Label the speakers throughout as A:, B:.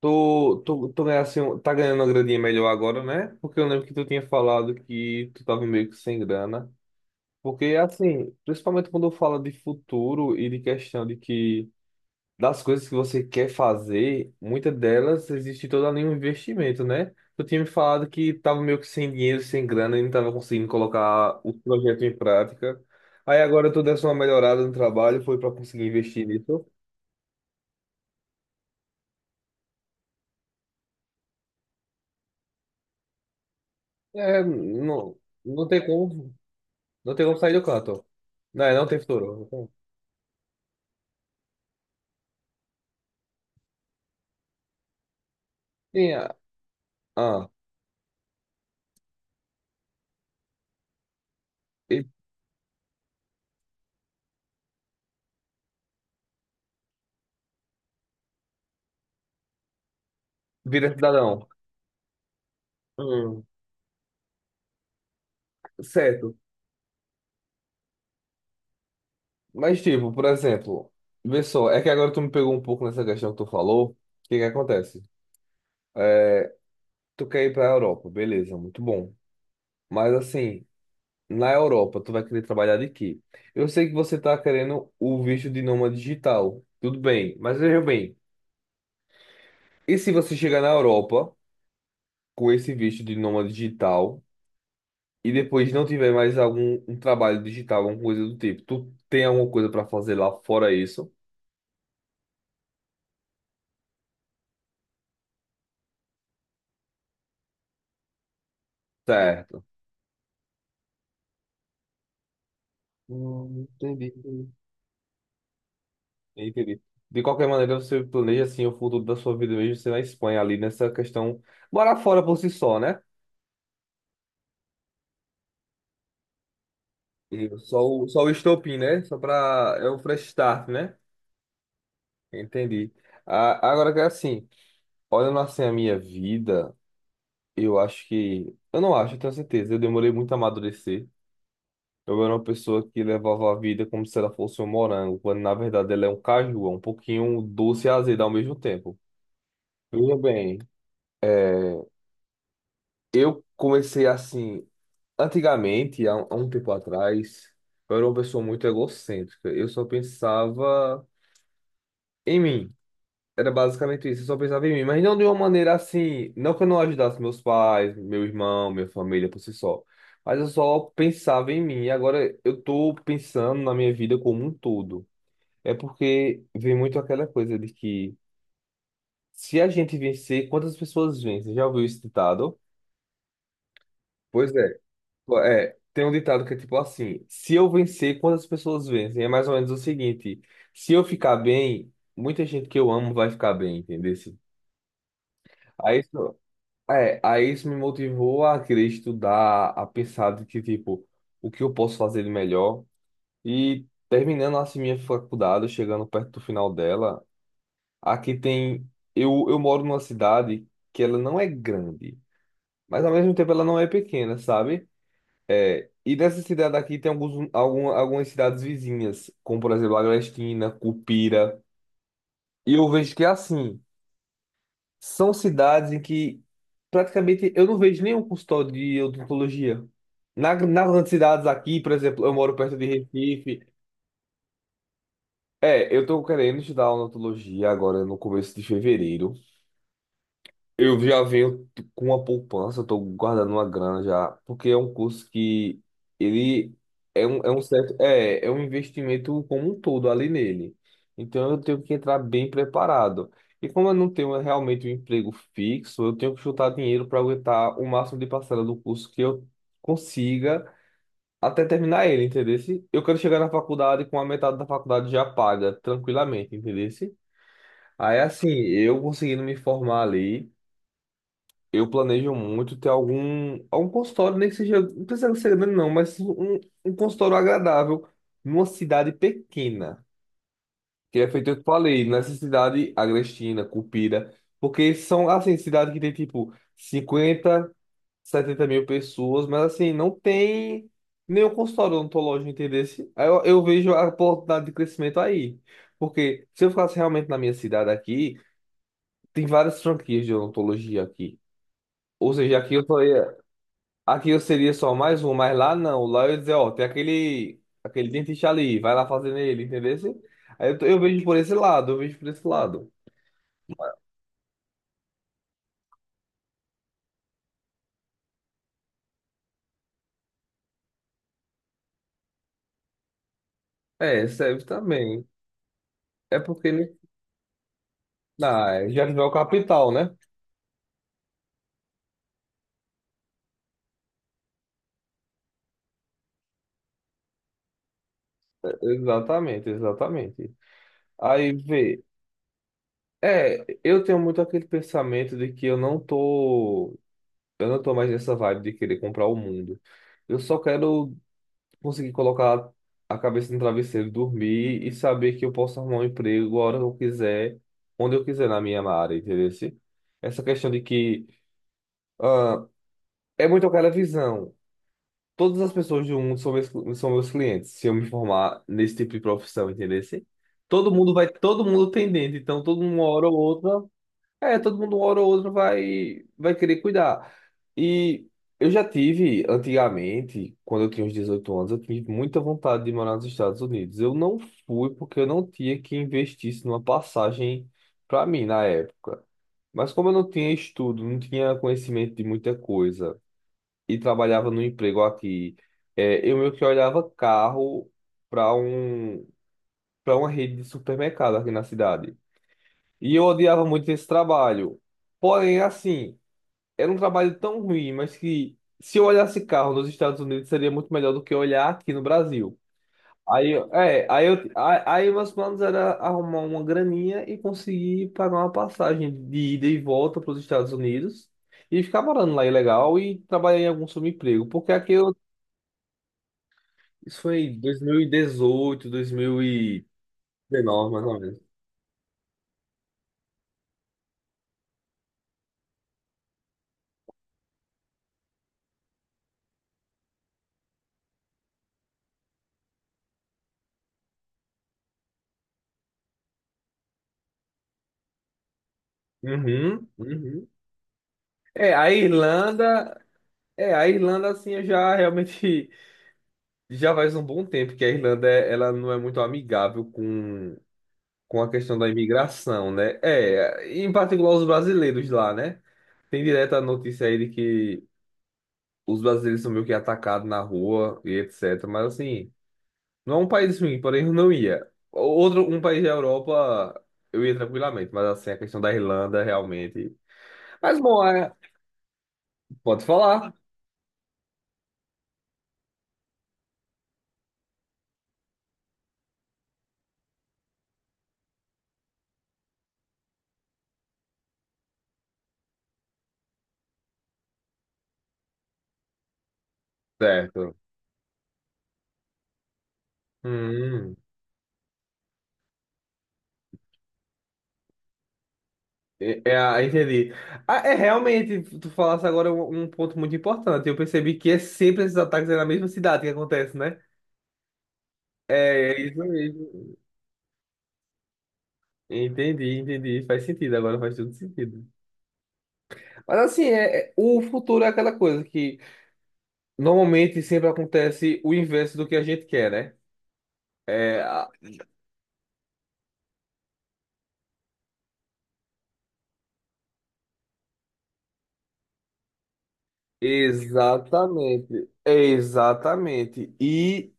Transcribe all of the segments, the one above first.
A: Tu tá ganhando uma graninha melhor agora, né? Porque eu lembro que tu tinha falado que tu tava meio que sem grana. Porque, assim, principalmente quando fala de futuro e de questão de que das coisas que você quer fazer, muitas delas existe todo ali um investimento, né? Tu tinha me falado que tava meio que sem dinheiro, sem grana e não tava conseguindo colocar o projeto em prática. Aí agora tu desse uma melhorada no trabalho, foi para conseguir investir nisso. É, não, não tem como, não tem como sair do canto. Não, é não tem futuro. Então. Sim, ah, ah, e vira cidadão. Hum, certo. Mas, tipo, por exemplo, vê só, é que agora tu me pegou um pouco nessa questão que tu falou. O que que acontece? É, tu quer ir para a Europa, beleza, muito bom. Mas assim, na Europa, tu vai querer trabalhar de quê? Eu sei que você tá querendo o visto de nômade digital, tudo bem, mas veja bem, e se você chegar na Europa com esse visto de nômade digital? E depois não tiver mais algum um trabalho digital, alguma coisa do tipo, tu tem alguma coisa para fazer lá fora isso? Certo. Entendi, entendi. Entendi. De qualquer maneira, você planeja assim o futuro da sua vida mesmo, você na Espanha ali nessa questão, morar fora por si só, né? E só o estopim, né? Só para é o fresh start, né? Entendi. Ah, agora que é assim, olhando assim a minha vida, eu acho que eu não acho, eu tenho certeza, eu demorei muito a amadurecer. Eu era uma pessoa que levava a vida como se ela fosse um morango, quando na verdade ela é um caju, é um pouquinho doce e azedo ao mesmo tempo. Veja bem, eu comecei assim, antigamente, há um tempo atrás, eu era uma pessoa muito egocêntrica. Eu só pensava em mim. Era basicamente isso, eu só pensava em mim, mas não de uma maneira assim, não que eu não ajudasse meus pais, meu irmão, minha família por si só. Mas eu só pensava em mim. E agora eu tô pensando na minha vida como um todo. É porque vem muito aquela coisa de que se a gente vencer, quantas pessoas vencem? Já ouviu esse ditado? Pois é. É, tem um ditado que é tipo assim: se eu vencer, quantas pessoas vencem? É mais ou menos o seguinte: se eu ficar bem, muita gente que eu amo vai ficar bem, entendeu? Aí isso, aí isso me motivou a querer estudar, a pensar de que, tipo, o que eu posso fazer de melhor. E terminando assim minha faculdade, chegando perto do final dela. Aqui tem. Eu moro numa cidade que ela não é grande, mas ao mesmo tempo ela não é pequena, sabe? É, e nessa cidade aqui tem algumas cidades vizinhas, como por exemplo Agrestina, Cupira. E eu vejo que é assim, são cidades em que praticamente eu não vejo nenhum consultório de odontologia. Nas grandes cidades aqui, por exemplo, eu moro perto de Recife. É, eu tô querendo estudar odontologia agora no começo de fevereiro. Eu já venho com uma poupança, estou guardando uma grana já, porque é um curso que ele é um investimento como um todo ali nele. Então eu tenho que entrar bem preparado. E como eu não tenho realmente um emprego fixo, eu tenho que juntar dinheiro para aguentar o máximo de parcela do curso que eu consiga até terminar ele, entendeu? Eu quero chegar na faculdade com a metade da faculdade já paga, tranquilamente, entendeu? Aí assim, eu conseguindo me formar ali. Eu planejo muito ter algum consultório, nem que seja, não precisa ser grande não, mas um consultório agradável numa cidade pequena. Que é feito, eu falei, nessa cidade, Agrestina, Cupira, porque são, assim, cidade que tem, tipo, 50, 70 mil pessoas, mas, assim, não tem nenhum consultório odontológico, entendeu? Aí eu vejo a oportunidade de crescimento aí. Porque se eu ficasse realmente na minha cidade aqui, tem várias franquias de odontologia aqui. Ou seja, aqui eu só ia. Aqui eu seria só mais um, mas lá não. Lá eu ia dizer, ó, tem aquele dentista ali, vai lá fazer nele, entendeu? Eu vejo por esse lado, eu vejo por esse lado. É, serve também. É porque, né? Ah, é, já que é o capital, né? Exatamente, exatamente. Aí vê. É, eu tenho muito aquele pensamento de que eu não tô mais nessa vibe de querer comprar o mundo. Eu só quero conseguir colocar a cabeça no travesseiro, dormir e saber que eu posso arrumar um emprego a hora que eu quiser, onde eu quiser na minha área, entendeu? Essa questão de que ah, é muito aquela visão. Todas as pessoas do mundo são meus clientes, se eu me formar nesse tipo de profissão, entendeu? Todo mundo vai, todo mundo tem dente, então todo mundo, uma hora ou outra é, todo mundo uma hora ou outra vai querer cuidar. E eu já tive, antigamente, quando eu tinha uns 18 anos, eu tinha muita vontade de morar nos Estados Unidos. Eu não fui porque eu não tinha que investir isso numa passagem para mim na época. Mas como eu não tinha estudo, não tinha conhecimento de muita coisa e trabalhava no emprego aqui, é, eu meio que olhava carro para um, para uma rede de supermercado aqui na cidade. E eu odiava muito esse trabalho. Porém, assim era um trabalho tão ruim, mas que se eu olhasse carro nos Estados Unidos seria muito melhor do que olhar aqui no Brasil. Aí, eu- é, aí, eu, a- aí meus planos era arrumar uma graninha e conseguir pagar uma passagem de ida e volta para os Estados Unidos e ficar morando lá ilegal e trabalhar em algum subemprego. Isso foi em 2018, 2019, mais ou menos. Uhum, uhum. É, a Irlanda assim eu já realmente Já faz um bom tempo que a Irlanda ela não é muito amigável com a questão da imigração, né? É, em particular os brasileiros lá, né? Tem direta a notícia aí de que os brasileiros são meio que atacados na rua e etc. Mas assim, não é um país ruim, porém eu não ia. Outro, um país da Europa eu ia tranquilamente, mas assim, a questão da Irlanda realmente. Mas bom, pode falar. Certo. Hum. Entendi. Ah, é realmente, tu falasse agora um ponto muito importante. Eu percebi que é sempre esses ataques é na mesma cidade que acontece, né? É, é isso mesmo. Entendi, entendi. Faz sentido, agora faz todo sentido. Mas assim, o futuro é aquela coisa que normalmente sempre acontece o inverso do que a gente quer, né? É, a- Exatamente, exatamente. E,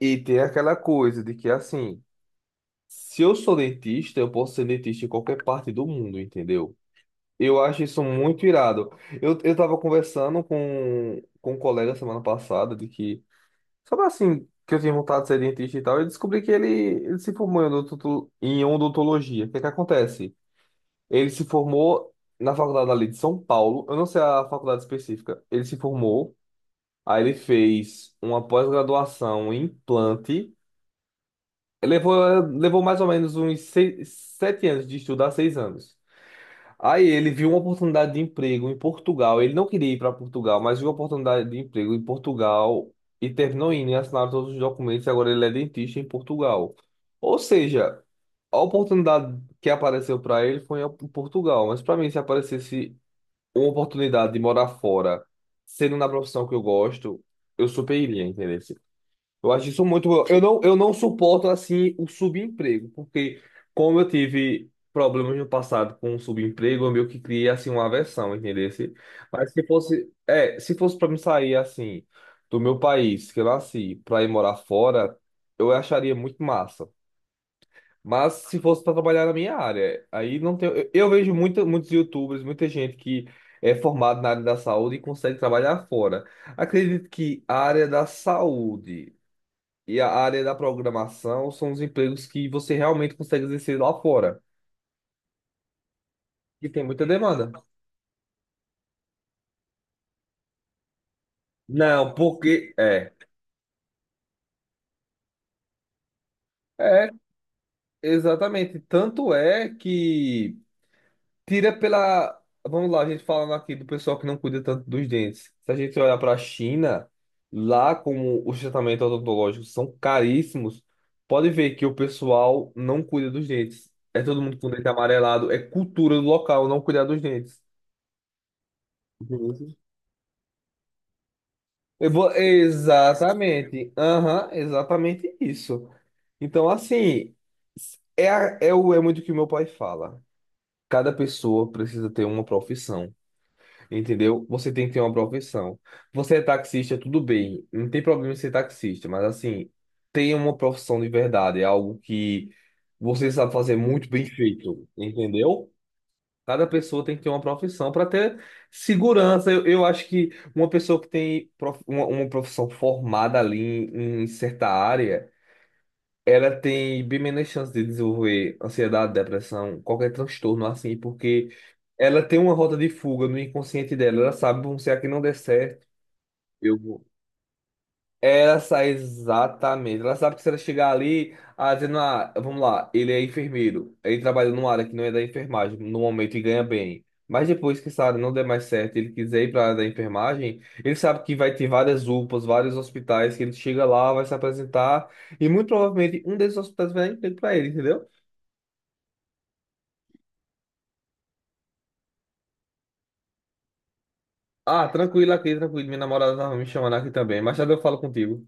A: e tem aquela coisa de que assim, se eu sou dentista, eu posso ser dentista em qualquer parte do mundo, entendeu? Eu acho isso muito irado. Eu tava conversando com um colega semana passada de que, sobre assim, que eu tinha vontade de ser dentista e tal, eu descobri que ele se formou em odontologia. O que que acontece? Ele se formou na faculdade ali de São Paulo, eu não sei a faculdade específica. Ele se formou, aí ele fez uma pós-graduação em implante. Levou, levou mais ou menos uns 6, 7 anos de estudar, 6 anos. Aí ele viu uma oportunidade de emprego em Portugal. Ele não queria ir para Portugal, mas viu uma oportunidade de emprego em Portugal e terminou indo e assinaram todos os documentos. E agora ele é dentista em Portugal. Ou seja, a oportunidade que apareceu para ele foi em Portugal. Mas para mim, se aparecesse uma oportunidade de morar fora, sendo na profissão que eu gosto, eu super iria, entendeu? Eu acho isso muito bom. Eu não suporto, assim, o subemprego, porque como eu tive problemas no passado com o subemprego, eu meio que criei, assim, uma aversão, entendeu? Mas se fosse para me sair, assim, do meu país, que eu nasci, para ir morar fora, eu acharia muito massa. Mas se fosse para trabalhar na minha área, aí não tem. Eu vejo muitos YouTubers, muita gente que é formada na área da saúde e consegue trabalhar fora. Acredito que a área da saúde e a área da programação são os empregos que você realmente consegue exercer lá fora, que tem muita demanda. Não, porque é exatamente. Tanto é que tira pela, vamos lá, a gente falando aqui do pessoal que não cuida tanto dos dentes. Se a gente olhar para a China, lá como os tratamentos odontológicos são caríssimos, pode ver que o pessoal não cuida dos dentes. É todo mundo com dente amarelado, é cultura do local não cuidar dos dentes. Exatamente. Aham, exatamente isso. Então, assim, é muito o que meu pai fala. Cada pessoa precisa ter uma profissão, entendeu? Você tem que ter uma profissão. Você é taxista, tudo bem. Não tem problema em ser taxista, mas assim, tenha uma profissão de verdade. É algo que você sabe fazer muito bem feito, entendeu? Cada pessoa tem que ter uma profissão para ter segurança. Eu acho que uma pessoa que tem uma profissão formada ali em certa área, ela tem bem menos chance de desenvolver ansiedade, depressão, qualquer transtorno assim, porque ela tem uma rota de fuga no inconsciente dela. Ela sabe, bom, se aqui não der certo, eu vou. Ela sai exatamente. Ela sabe que se ela chegar ali, ah, dizendo, ah, vamos lá, ele é enfermeiro, ele trabalha numa área que não é da enfermagem no momento e ganha bem. Mas depois que essa área não der mais certo, ele quiser ir para a área da enfermagem, ele sabe que vai ter várias UPAs, vários hospitais, que ele chega lá, vai se apresentar, e muito provavelmente um desses hospitais vai dar emprego para ele, entendeu? Ah, tranquilo aqui, tranquilo, minha namorada tava me chamando aqui também. Mais tarde eu falo contigo.